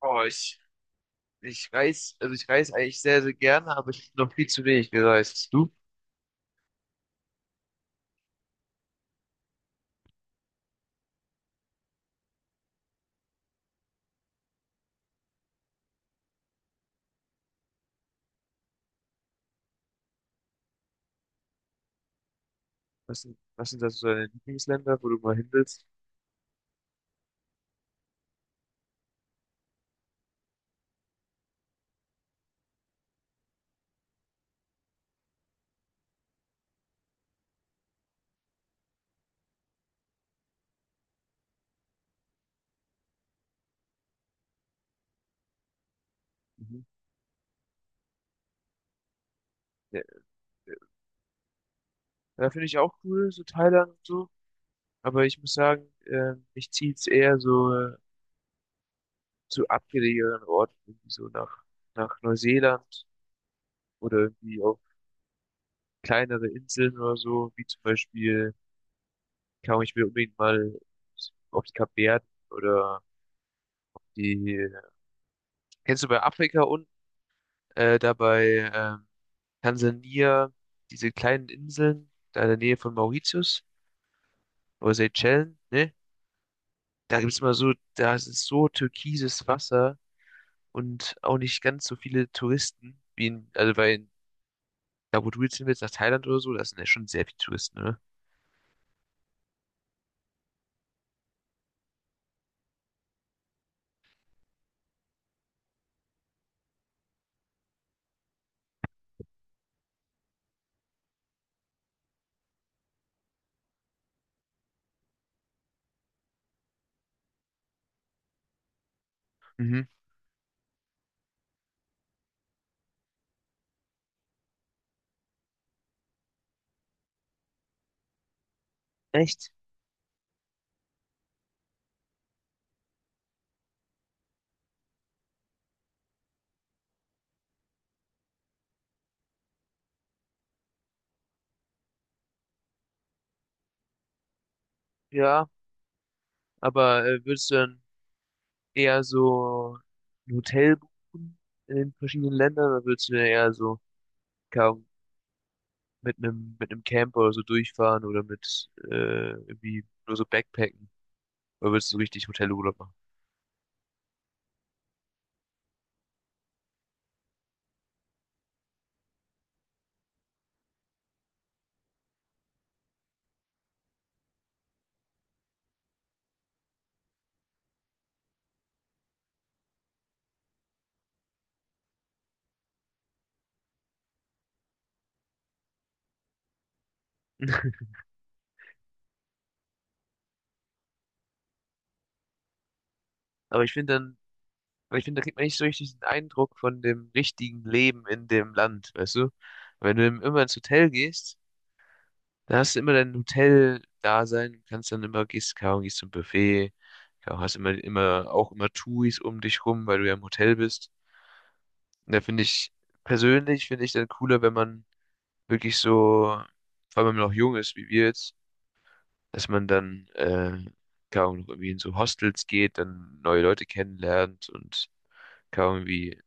Oh, ich reise, also ich reise eigentlich sehr gerne, aber ich bin noch viel zu wenig gereist. Du? Was sind da so deine Lieblingsländer, wo du mal hin willst? Mhm. Ja, da finde ich auch cool, so Thailand und so. Aber ich muss sagen, mich zieht's eher so zu abgelegeneren Orten, irgendwie nach Neuseeland oder irgendwie auf kleinere Inseln oder so, wie zum Beispiel, keine Ahnung, ich will unbedingt mal auf die Kapverden oder die, kennst du bei Afrika unten? Da bei Tansania, diese kleinen Inseln, da in der Nähe von Mauritius oder Seychellen, ne? Da gibt's immer so, da ist es so türkises Wasser und auch nicht ganz so viele Touristen wie in, da wo du jetzt hin willst, nach Thailand oder so, da sind ja schon sehr viele Touristen, ne? Mhm. Echt? Ja, aber würdest du dann eher so ein Hotel buchen in den verschiedenen Ländern oder würdest du eher so mit einem Camper oder so durchfahren oder mit irgendwie nur so Backpacken. Oder willst du so richtig Hotelurlaub machen? Aber ich finde dann, weil ich finde, da kriegt man nicht so richtig den Eindruck von dem richtigen Leben in dem Land, weißt du? Wenn du immer ins Hotel gehst, da hast du immer dein Hotel-Dasein, und kannst dann immer, gehst, keine Ahnung, gehst zum Buffet, keine Ahnung, hast auch immer Touris um dich rum, weil du ja im Hotel bist. Und da finde ich, persönlich finde ich dann cooler, wenn man wirklich so, vor allem wenn man noch jung ist, wie wir jetzt, dass man dann, keine Ahnung, noch irgendwie in so Hostels geht, dann neue Leute kennenlernt und keine Ahnung, irgendwie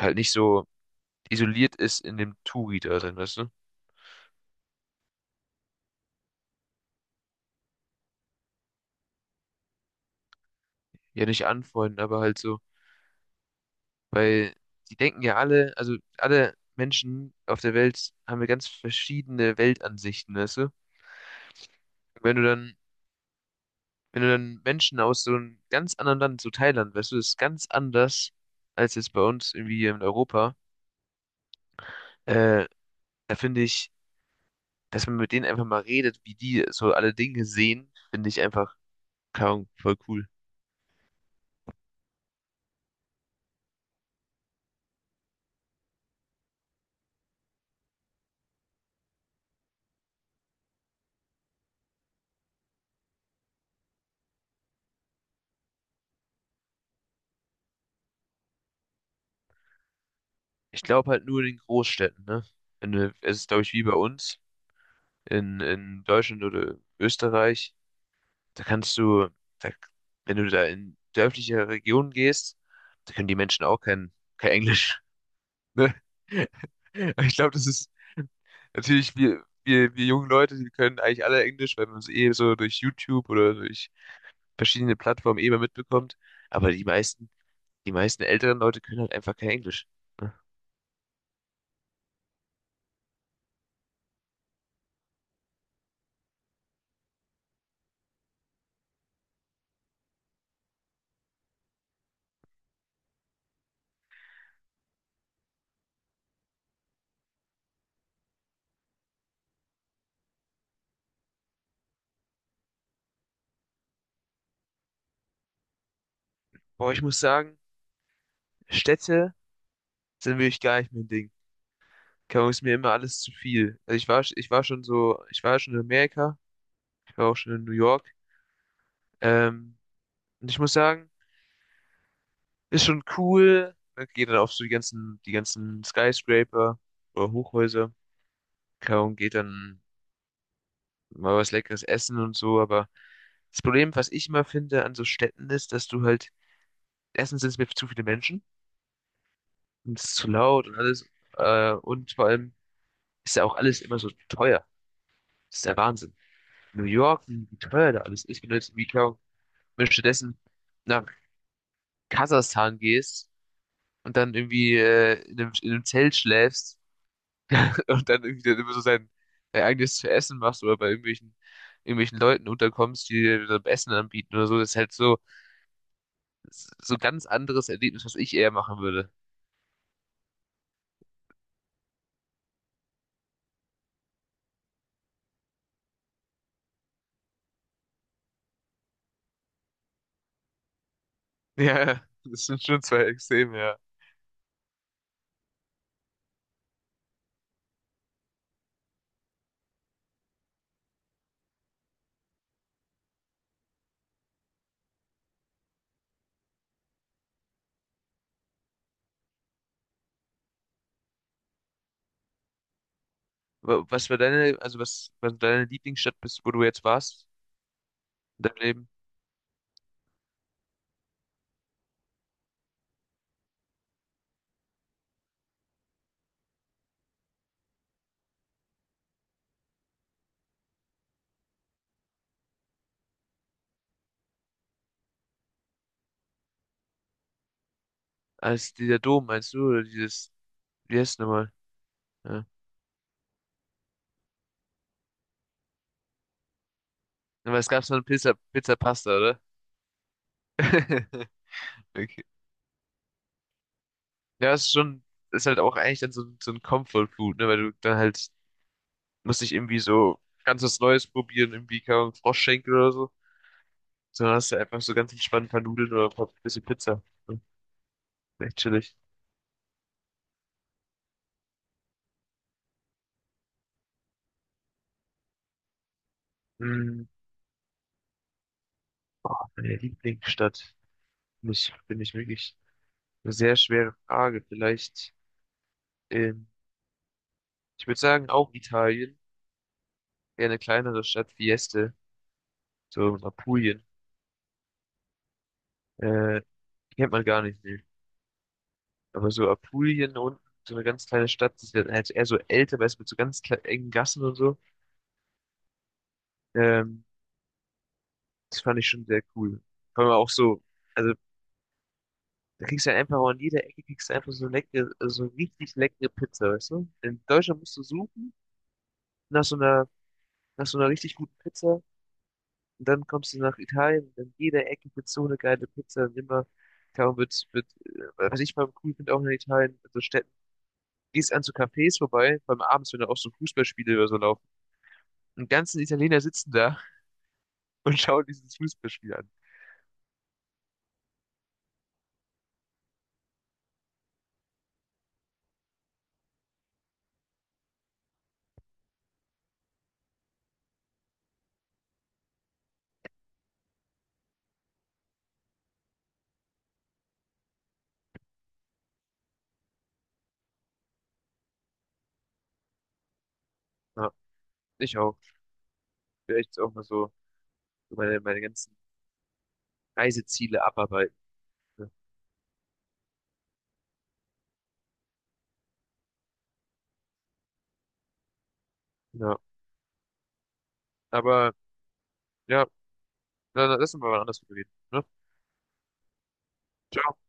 halt nicht so isoliert ist in dem Touri da drin, weißt du? Ja, nicht anfreunden, aber halt so, weil die denken ja alle, also alle Menschen auf der Welt haben ja ganz verschiedene Weltansichten, weißt du? Wenn du dann, wenn du dann Menschen aus so einem ganz anderen Land, so Thailand, weißt du, das ist ganz anders als jetzt bei uns irgendwie hier in Europa. Äh, Da finde ich, dass man mit denen einfach mal redet, wie die so alle Dinge sehen, finde ich einfach, keine Ahnung, voll cool. Ich glaube halt nur in den Großstädten, ne? In, es ist, glaube ich, wie bei uns in Deutschland oder Österreich. Da kannst du, da, wenn du da in dörfliche Regionen gehst, da können die Menschen auch kein Englisch. Ne? Ich glaube, das ist natürlich, wir jungen Leute, die können eigentlich alle Englisch, weil man es eh so durch YouTube oder durch verschiedene Plattformen eh mal mitbekommt. Aber die meisten älteren Leute können halt einfach kein Englisch. Ne? Boah, ich muss sagen, Städte sind wirklich gar nicht mein Ding. Keine Ahnung, ist mir immer alles zu viel. Also ich war schon in Amerika, ich war auch schon in New York. Ähm, und ich muss sagen, ist schon cool. Ne? Geht dann auf so die ganzen Skyscraper oder Hochhäuser. Keine Ahnung, geht dann mal was Leckeres essen und so. Aber das Problem, was ich immer finde an so Städten ist, dass du halt, erstens sind es mir zu viele Menschen und es ist zu laut und alles. Und vor allem ist ja auch alles immer so teuer. Das ist der Wahnsinn. New York, wie teuer da alles ist. Wenn du jetzt, wie keine Wenn du stattdessen nach Kasachstan gehst und dann irgendwie in einem Zelt schläfst, und dann irgendwie dann immer so sein, dein eigenes zu essen machst oder bei irgendwelchen, irgendwelchen Leuten unterkommst, die dir dann Essen anbieten oder so, das ist halt so, so ganz anderes Erlebnis, was ich eher machen würde. Ja, das sind schon zwei Extreme, ja. Was war deine, also was war deine Lieblingsstadt bist, wo du jetzt warst in deinem Leben? Als dieser Dom, meinst du, oder dieses, wie heißt es nochmal? Ja. Ja, aber es gab so eine Pizza, Pizza Pasta, oder? Okay. Ja, es ist schon, ist halt auch eigentlich dann so, so ein Comfort Food, ne, weil du dann halt musst nicht irgendwie so ganz was Neues probieren, irgendwie keine Ahnung, Froschschenkel oder so, sondern hast du einfach so ganz entspannt ein paar Nudeln oder ein paar bisschen Pizza. So, echt chillig. Hm, boah, meine Lieblingsstadt. Nicht, finde ich wirklich eine sehr schwere Frage. Vielleicht, ähm, ich würde sagen, auch Italien. Eher eine kleinere Stadt, wie Este, so Apulien. Äh, Kennt man gar nicht, nee. Aber so Apulien unten, so eine ganz kleine Stadt, das ist halt eher so älter, weißt du, mit so ganz engen Gassen und so. Ähm, Das fand ich schon sehr cool. Vor allem auch so, also da kriegst du halt einfach an jeder Ecke kriegst du einfach so leckere, so richtig leckere Pizza, weißt du? In Deutschland musst du suchen nach so einer, nach so einer richtig guten Pizza und dann kommst du nach Italien und an jeder Ecke wird so eine geile Pizza und immer, kaum wird, wird, was ich vor allem cool finde auch in Italien, also Städten, gehst an zu Cafés vorbei, vor allem abends, wenn da auch so Fußballspiele oder so laufen. Und die ganzen Italiener sitzen da und schauen dieses Fußballspiel an. Ja, ich auch. Vielleicht auch mal so so meine ganzen Reiseziele abarbeiten. Ne? Ja, aber ja, dann lassen wir mal anders drüber reden. Ne? Ciao.